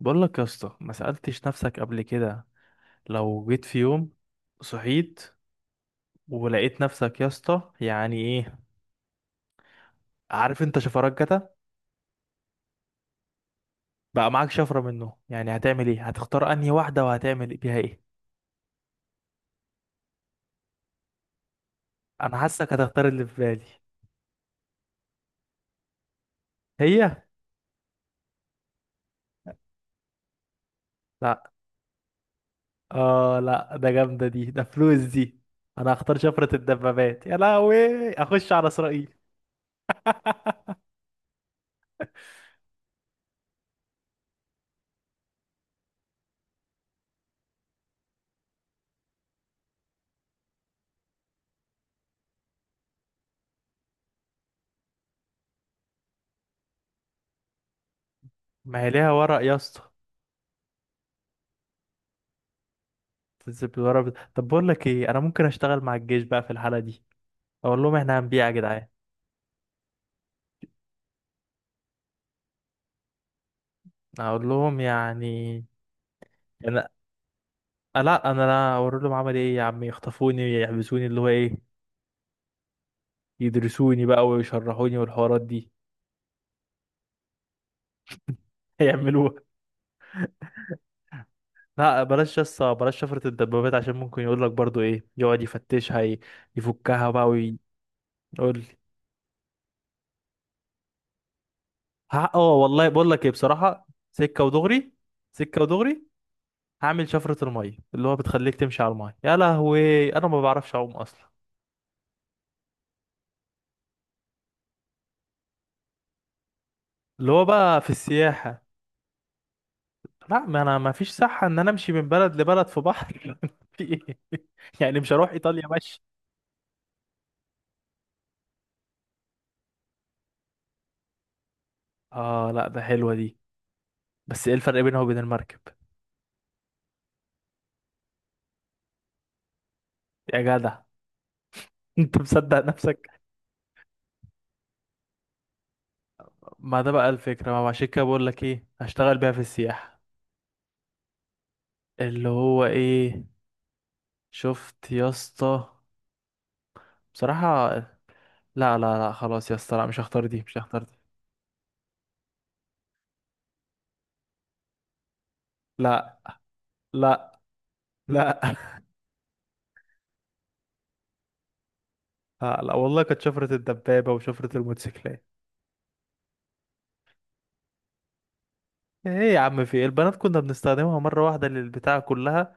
بقول لك يا اسطى، ما سألتش نفسك قبل كده؟ لو جيت في يوم، صحيت، ولقيت نفسك يا اسطى، يعني ايه؟ عارف انت شفرات جتا؟ بقى معاك شفرة منه، يعني هتعمل ايه؟ هتختار انهي واحدة وهتعمل بيها ايه؟ انا حاسك هتختار اللي في بالي. هي. لا، اه لا، ده جامدة دي، ده فلوس دي. انا هختار شفرة الدبابات، يا لهوي اخش على اسرائيل. ما هي ليها ورق يا اسطى؟ تنزل بالورق طب بقول لك ايه، انا ممكن اشتغل مع الجيش بقى في الحالة دي. اقول لهم احنا هنبيع يا جدعان. اقول لهم يعني، انا آه لا، انا لا اقول لهم، عمل ايه يا عم؟ يخطفوني، يحبسوني، اللي هو ايه؟ يدرسوني بقى ويشرحوني والحوارات دي. هيعملوها. لا بلاش، يس بلاش شفرة الدبابات، عشان ممكن يقول لك برضو ايه، يقعد يفتشها يفكها بقى ويقول. لي، اه والله بقول لك ايه، بصراحة سكة ودغري. سكة ودغري. هعمل شفرة المية، اللي هو بتخليك تمشي على المية. يا لهوي انا ما بعرفش اعوم اصلا. اللي هو بقى في السياحة. لا، ما انا ما فيش صحة ان انا امشي من بلد لبلد في بحر، في ايه. يعني مش هروح ايطاليا، ماشي. اه لا ده حلوة دي، بس ايه الفرق بينها وبين المركب؟ يا جدع، انت مصدق نفسك؟ ما ده بقى الفكرة، ما هو عشان كده بقول لك ايه، هشتغل بيها في السياحة. اللي هو ايه. شفت يا اسطى؟ بصراحة لا لا لا، خلاص يا اسطى، لا مش هختار دي، مش هختار دي. لا لا لا. لا, لا والله كانت شفرة الدبابة وشفرة الموتوسيكلات. ايه يا عم في إيه؟ البنات كنا بنستخدمها مرة واحدة للبتاعة كلها،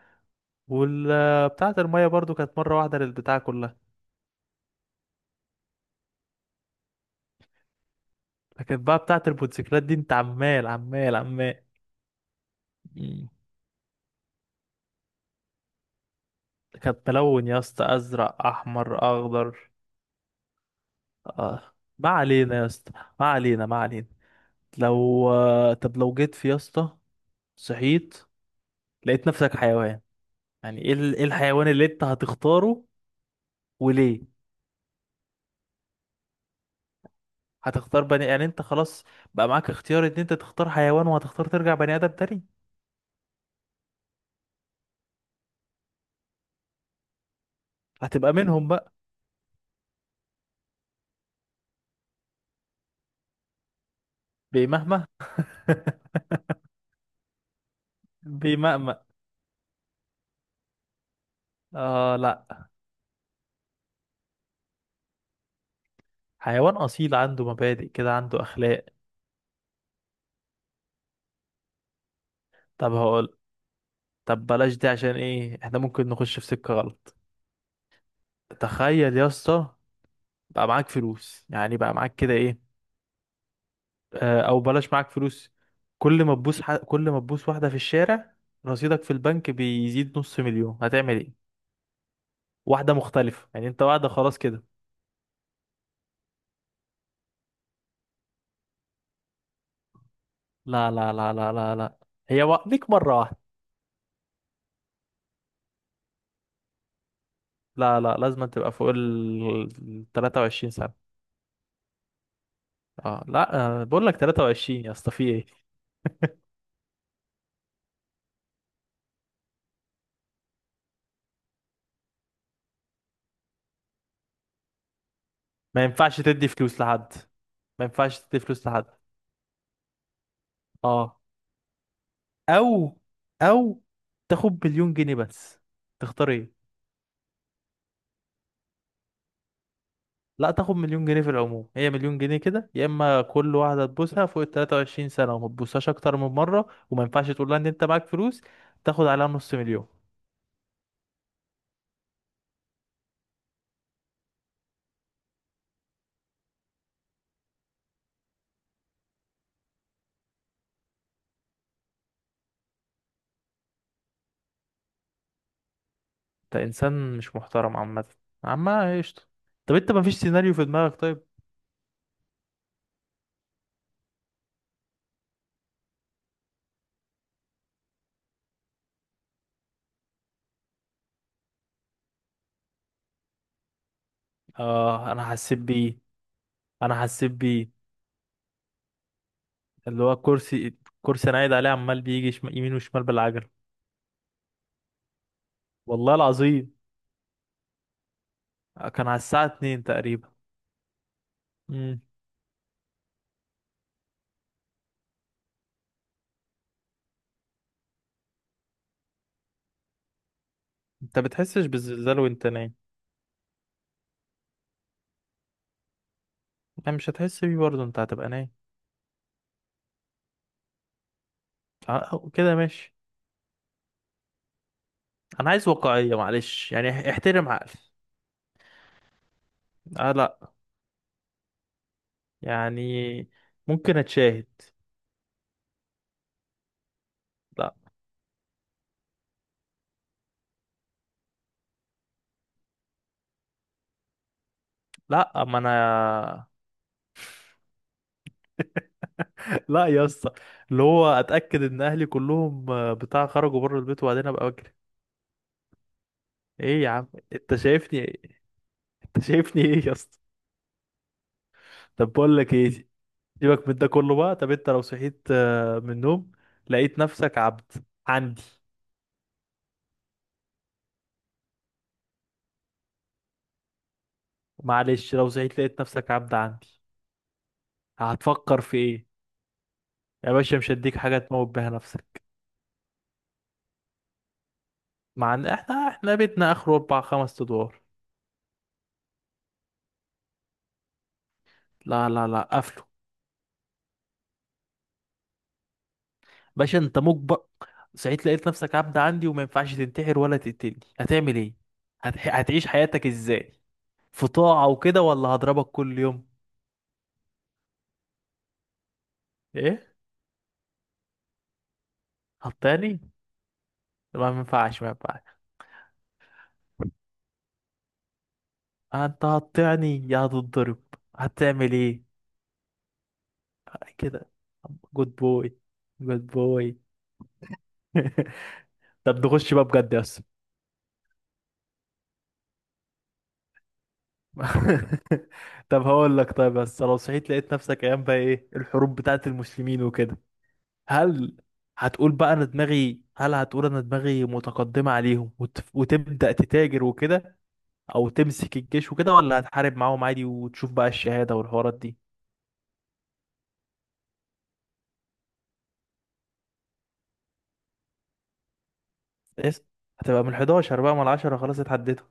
والبتاعة المية برضو كانت مرة واحدة للبتاعة كلها. لكن بقى بتاعة الموتوسيكلات دي انت عمال عمال عمال. مم. كانت ملون يا اسطى، ازرق احمر اخضر. آه. ما علينا يا اسطى، ما علينا ما علينا. لو طب، لو جيت في يا اسطى، صحيت، لقيت نفسك حيوان. يعني ايه إيه الحيوان اللي انت هتختاره؟ وليه؟ هتختار بني يعني انت خلاص؟ بقى معاك اختيار ان انت تختار حيوان وهتختار ترجع بني ادم تاني؟ هتبقى منهم بقى؟ بمهما. بمأمأ. اه لا. حيوان اصيل، عنده مبادئ كده، عنده اخلاق. طب هقول طب بلاش دي، عشان ايه احنا ممكن نخش في سكة غلط. تخيل يا اسطى، بقى معاك فلوس يعني، بقى معاك كده ايه. او بلاش معاك فلوس. كل ما تبوس واحدة في الشارع، رصيدك في البنك بيزيد نص مليون، هتعمل ايه؟ واحدة مختلفة يعني، انت واحدة خلاص كده. لا لا لا لا لا لا. هي ليك مرة واحدة. لا لا، لازم تبقى فوق ال 23 سنة. اه لا. بقول لك 23 يا اسطى، في ايه. ما ينفعش تدي فلوس لحد. ما ينفعش تدي فلوس لحد. اه. او او تاخد مليون جنيه بس، تختار ايه؟ لا، تاخد مليون جنيه في العموم، هي مليون جنيه كده، يا اما كل واحدة تبوسها فوق ال 23 سنة وما تبوسهاش اكتر من مرة، وما ينفعش تقول لها ان انت معاك فلوس، تاخد عليها نص مليون. انت انسان مش محترم عامة. عامة، قشطة. طب انت ما فيش سيناريو في دماغك طيب؟ اه انا حسيت بيه، انا حسيت بيه. اللي هو كرسي. كرسي انا قاعد عليه عمال بيجي يمين وشمال بالعجل. والله العظيم. كان على الساعة 2 تقريبا. امم. انت بتحسش بالزلزال وانت نايم؟ يعني مش هتحس بيه برضه، انت هتبقى نايم. اه، كده ماشي. انا عايز واقعية معلش يعني، احترم عقلي. اه لا، يعني ممكن اتشاهد. لا لا ما انا. لا يا اسطى. اللي هو اتاكد ان اهلي كلهم بتاع، خرجوا بره البيت، وبعدين ابقى. ايه يا عم، انت شايفني ايه؟ انت شايفني ايه يا اسطى؟ طب بقول لك ايه، سيبك من ده كله بقى. طب انت لو صحيت من النوم، لقيت نفسك عبد عندي. معلش، لو صحيت لقيت نفسك عبد عندي، هتفكر في ايه؟ يا باشا مش هديك حاجه تموت بيها نفسك. مع ان احنا بيتنا اخره اربع خمس ادوار. لا لا لا، قفله. باشا انت مجبر، صحيت لقيت نفسك عبد عندي وما ينفعش تنتحر ولا تقتلني، هتعمل ايه؟ هتعيش حياتك ازاي؟ في طاعه وكده، ولا هضربك كل يوم؟ ايه، هتطعني؟ ما ينفعش، ما ينفعش. انت هتطعني يا هتتضرب؟ هتعمل ايه؟ كده. جود بوي. جود بوي. طب نخش بقى بجد يا اسطى. طب هقول لك طيب، بس لو صحيت لقيت نفسك ايام بقى ايه، الحروب بتاعت المسلمين وكده. هل هل هتقول انا دماغي متقدمة عليهم وتبدأ تتاجر وكده، او تمسك الجيش وكده، ولا هتحارب معاهم عادي وتشوف بقى الشهادة والحوارات دي؟ قست، هتبقى من 11 بقى، ما العشرة خلاص اتعدتوا.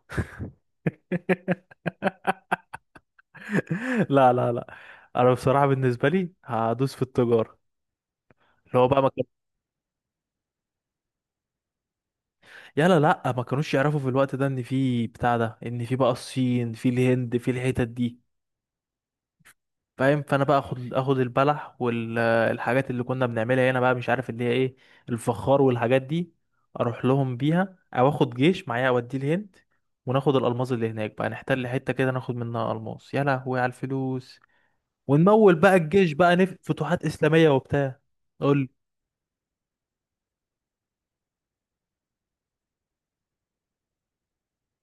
لا لا لا. انا بصراحة بالنسبة لي هدوس في التجارة. اللي هو بقى ما كان، يلا لا ما كانوش يعرفوا في الوقت ده ان في بتاع ده، ان في بقى الصين، في الهند، في الحتت دي. فاهم؟ فانا بقى اخد البلح والحاجات اللي كنا بنعملها هنا بقى، مش عارف اللي هي ايه، الفخار والحاجات دي. اروح لهم بيها، او اخد جيش معايا اوديه الهند وناخد الالماس اللي هناك بقى، نحتل حته كده ناخد منها الماس. يا لهوي على الفلوس. ونمول بقى الجيش بقى فتوحات اسلاميه وبتاع. قول.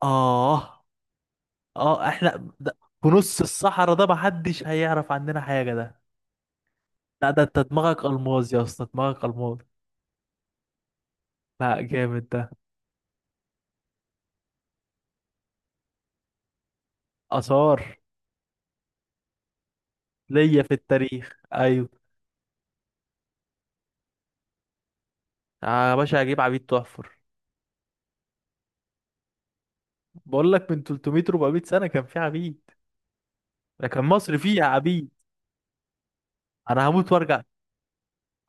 اه. اه احنا ده. في نص الصحراء ده محدش هيعرف عننا حاجه ده. لا ده انت دماغك الماس يا اسطى، دماغك الماس. لا جامد ده. اثار. ليا في التاريخ، ايوه. يا باشا هجيب عبيد تحفر. بقول لك من 300-400 سنه كان في عبيد. ده كان مصر فيها عبيد. انا هموت وارجع.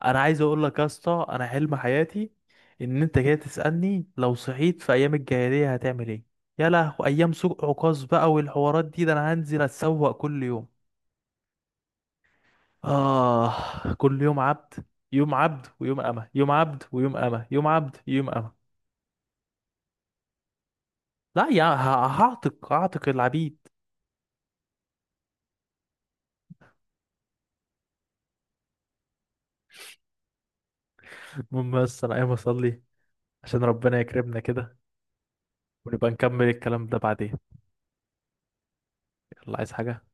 انا عايز اقول لك يا اسطى، انا حلم حياتي ان انت جاي تسالني لو صحيت في ايام الجاهليه هتعمل ايه. يا لهو ايام سوق عكاظ بقى والحوارات دي، ده انا هنزل اتسوق كل يوم. اه كل يوم عبد. يوم عبد ويوم أمة، يوم عبد ويوم أمة، يوم عبد يوم أمة. لا يا هعتق العبيد. المهم بس انا قايم اصلي عشان ربنا يكرمنا كده، ونبقى نكمل الكلام ده بعدين. يلا، عايز حاجة؟